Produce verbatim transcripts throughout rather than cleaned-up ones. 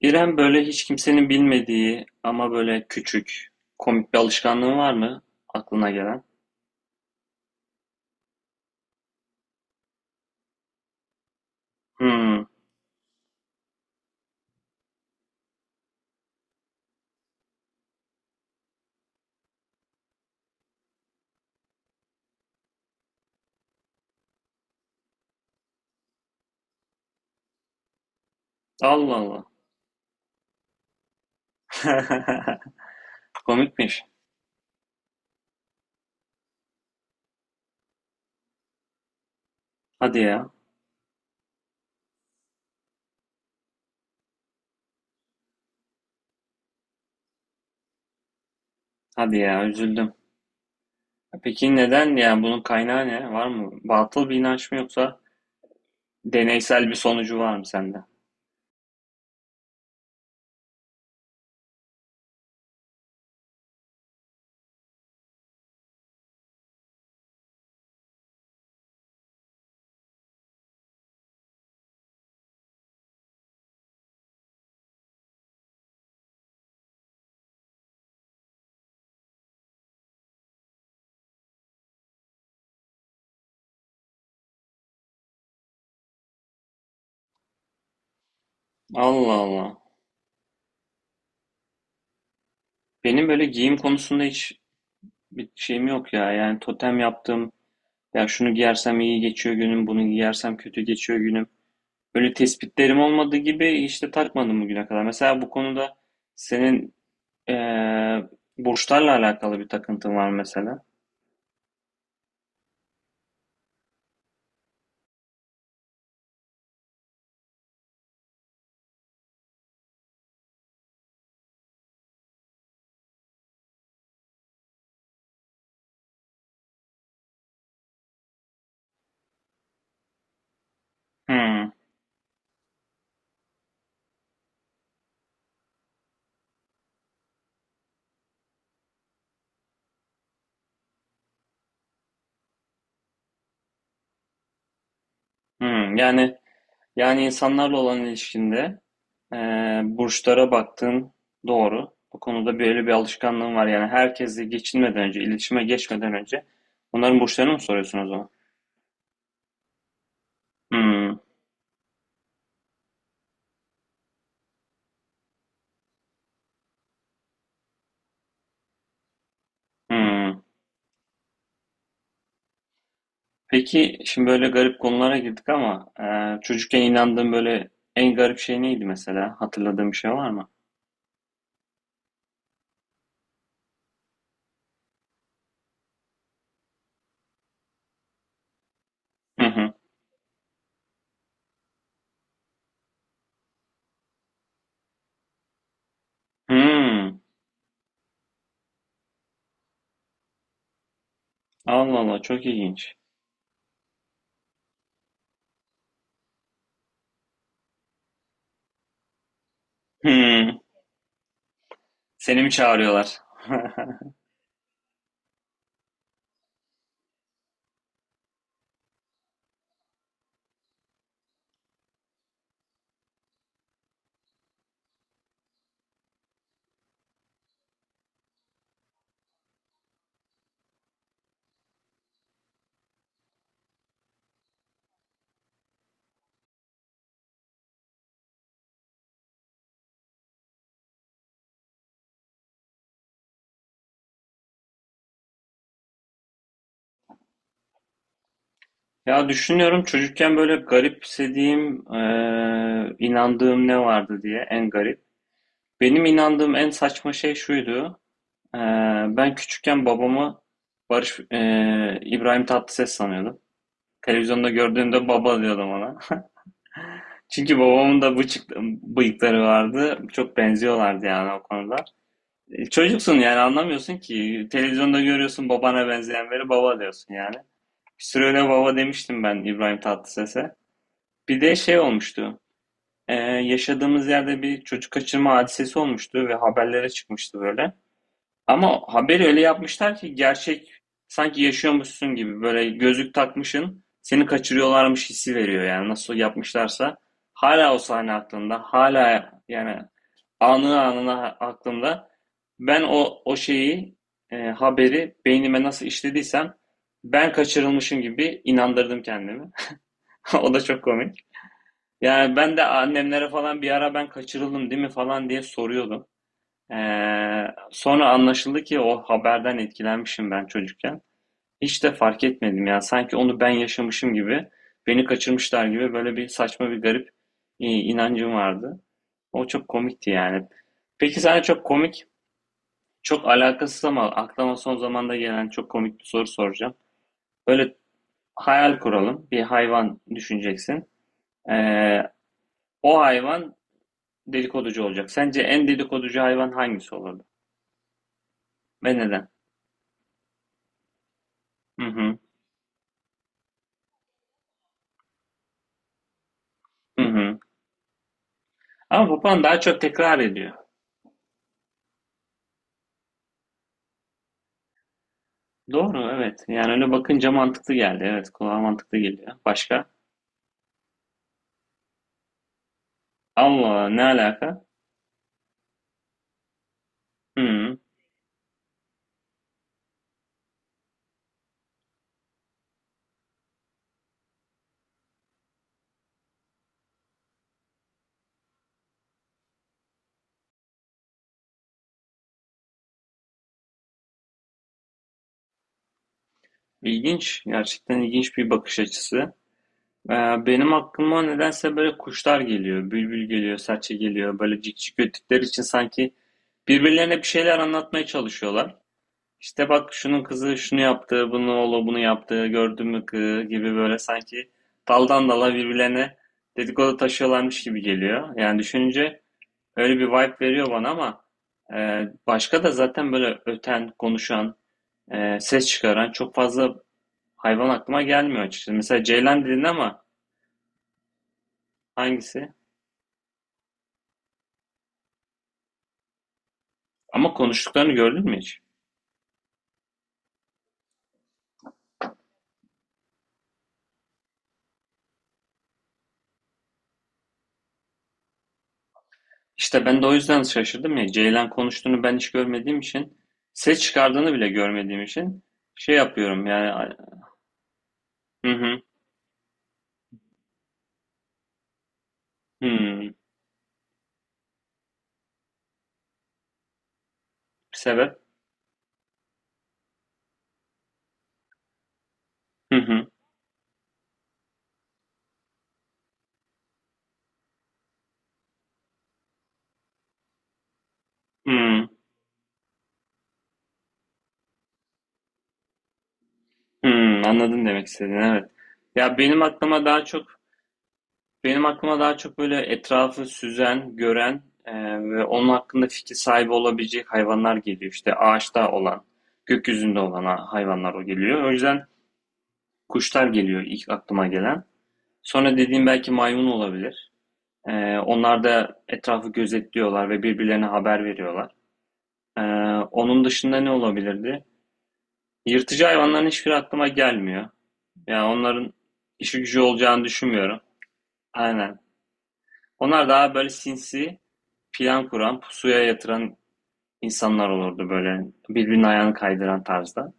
İrem böyle hiç kimsenin bilmediği ama böyle küçük, komik bir alışkanlığın var mı aklına gelen? Hmm. Allah Allah. Komikmiş. Hadi ya, hadi ya, üzüldüm. Peki neden ya, bunun kaynağı ne? Var mı? Batıl bir inanç mı, yoksa deneysel bir sonucu var mı sende? Allah Allah. Benim böyle giyim konusunda hiç bir şeyim yok ya. Yani totem yaptım. Ya şunu giyersem iyi geçiyor günüm, bunu giyersem kötü geçiyor günüm. Öyle tespitlerim olmadığı gibi işte takmadım bugüne kadar. Mesela bu konuda senin eee burçlarla alakalı bir takıntın var mesela. Hmm, hmm. Yani yani insanlarla olan ilişkinde eee, burçlara baktığın doğru. Bu konuda böyle bir alışkanlığın var. Yani herkesle geçinmeden önce, iletişime geçmeden önce onların burçlarını mı soruyorsun o zaman? Hmm, hmm. Peki şimdi böyle garip konulara girdik, ama e, çocukken inandığın böyle en garip şey neydi mesela? Hatırladığın bir şey var mı? Hı hı. Hmm. Allah Allah, çok ilginç. Hmm. Seni mi çağırıyorlar? Ya düşünüyorum, çocukken böyle garipsediğim, e, inandığım ne vardı diye, en garip. Benim inandığım en saçma şey şuydu. E, Ben küçükken babamı Barış e, İbrahim Tatlıses sanıyordum. Televizyonda gördüğümde baba diyordum ona. Çünkü babamın da bıçık, bıyıkları vardı. Çok benziyorlardı yani o konuda. E, Çocuksun yani, anlamıyorsun ki. Televizyonda görüyorsun, babana benzeyen biri, baba diyorsun yani. Bir süre öyle baba demiştim ben İbrahim Tatlıses'e. Bir de şey olmuştu. E, yaşadığımız yerde bir çocuk kaçırma hadisesi olmuştu ve haberlere çıkmıştı böyle. Ama haberi öyle yapmışlar ki, gerçek sanki yaşıyormuşsun gibi, böyle gözlük takmışın, seni kaçırıyorlarmış hissi veriyor. Yani nasıl yapmışlarsa, hala o sahne aklımda, hala yani anı anına aklımda, ben o o şeyi, e, haberi beynime nasıl işlediysem ben kaçırılmışım gibi inandırdım kendimi. O da çok komik. Yani ben de annemlere falan bir ara, ben kaçırıldım değil mi falan diye soruyordum. Ee, sonra anlaşıldı ki o haberden etkilenmişim ben çocukken. Hiç de fark etmedim ya. Sanki onu ben yaşamışım gibi, beni kaçırmışlar gibi, böyle bir saçma, bir garip e, inancım vardı. O çok komikti yani. Peki sana çok komik, çok alakasız ama aklıma son zamanda gelen çok komik bir soru soracağım. Böyle hayal kuralım. Bir hayvan düşüneceksin. Ee, o hayvan dedikoducu olacak. Sence en dedikoducu hayvan hangisi olurdu? Ve neden? Hı hı. Hı hı. Ama papağan daha çok tekrar ediyor. Doğru, evet. Yani öyle bakınca mantıklı geldi. Evet, kulağa mantıklı geliyor. Başka? Allah, ne alaka? Hmm, ilginç. Gerçekten ilginç bir bakış açısı. Ee, benim aklıma nedense böyle kuşlar geliyor. Bülbül geliyor, serçe geliyor. Böyle cikcik öttükleri için sanki birbirlerine bir şeyler anlatmaya çalışıyorlar. İşte, bak şunun kızı şunu yaptı, bunu oğlu bunu yaptı, gördün mü kı gibi, böyle sanki daldan dala birbirlerine dedikodu taşıyorlarmış gibi geliyor. Yani düşününce öyle bir vibe veriyor bana, ama e, başka da zaten böyle öten, konuşan, e, ses çıkaran çok fazla hayvan aklıma gelmiyor açıkçası. Mesela ceylan dedin ama. Hangisi? Ama konuştuklarını gördün mü hiç? İşte ben de o yüzden şaşırdım ya. Ceylan konuştuğunu ben hiç görmediğim için, ses çıkardığını bile görmediğim için şey yapıyorum yani. Hı hı. Hı. Sebep. Hı hı. Hı. Hı. Anladım demek istediğini. Evet. Ya benim aklıma daha çok benim aklıma daha çok böyle etrafı süzen, gören e, ve onun hakkında fikir sahibi olabilecek hayvanlar geliyor. İşte ağaçta olan, gökyüzünde olan ha- hayvanlar o geliyor. O yüzden kuşlar geliyor ilk aklıma gelen. Sonra dediğim belki maymun olabilir. Ee, onlar da etrafı gözetliyorlar ve birbirlerine haber veriyorlar. Ee, onun dışında ne olabilirdi? Yırtıcı hayvanların hiçbiri aklıma gelmiyor. Yani onların işi gücü olacağını düşünmüyorum. Aynen. Onlar daha böyle sinsi, plan kuran, pusuya yatıran insanlar olurdu böyle. Birbirinin ayağını kaydıran tarzda.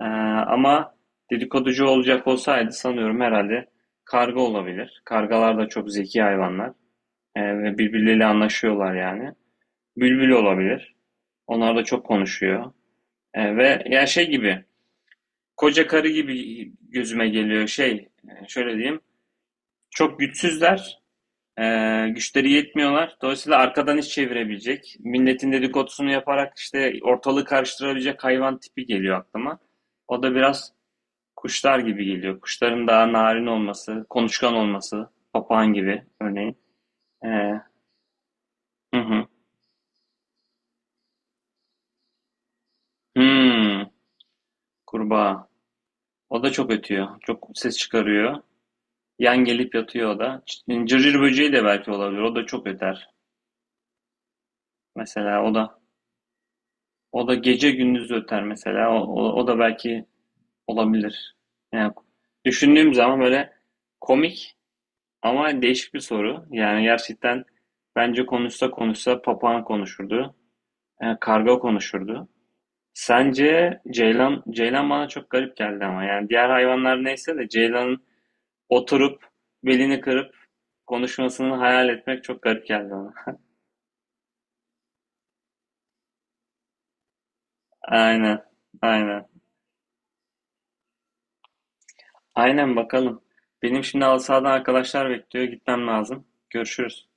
Ee, ama dedikoducu olacak olsaydı, sanıyorum herhalde karga olabilir. Kargalar da çok zeki hayvanlar. Ee, ve birbirleriyle anlaşıyorlar yani. Bülbül olabilir. Onlar da çok konuşuyor. E, ve ya şey gibi, koca karı gibi gözüme geliyor şey, e, şöyle diyeyim. Çok güçsüzler, e, güçleri yetmiyorlar. Dolayısıyla arkadan iş çevirebilecek, milletin dedikodusunu yaparak işte ortalığı karıştırabilecek hayvan tipi geliyor aklıma. O da biraz kuşlar gibi geliyor. Kuşların daha narin olması, konuşkan olması, papağan gibi örneğin. E, hı hı. Hmm, kurbağa. O da çok ötüyor, çok ses çıkarıyor. Yan gelip yatıyor o da. İşte cırcır böceği de belki olabilir. O da çok öter. Mesela o da o da gece gündüz öter mesela. O, o, o da belki olabilir. Yani düşündüğüm zaman böyle komik ama değişik bir soru. Yani gerçekten bence konuşsa konuşsa papağan konuşurdu. e, karga konuşurdu. Sence ceylan ceylan bana çok garip geldi, ama yani diğer hayvanlar neyse de, ceylanın oturup belini kırıp konuşmasını hayal etmek çok garip geldi bana. Aynen. Aynen. Aynen, bakalım. Benim şimdi halı sahadan arkadaşlar bekliyor. Gitmem lazım. Görüşürüz.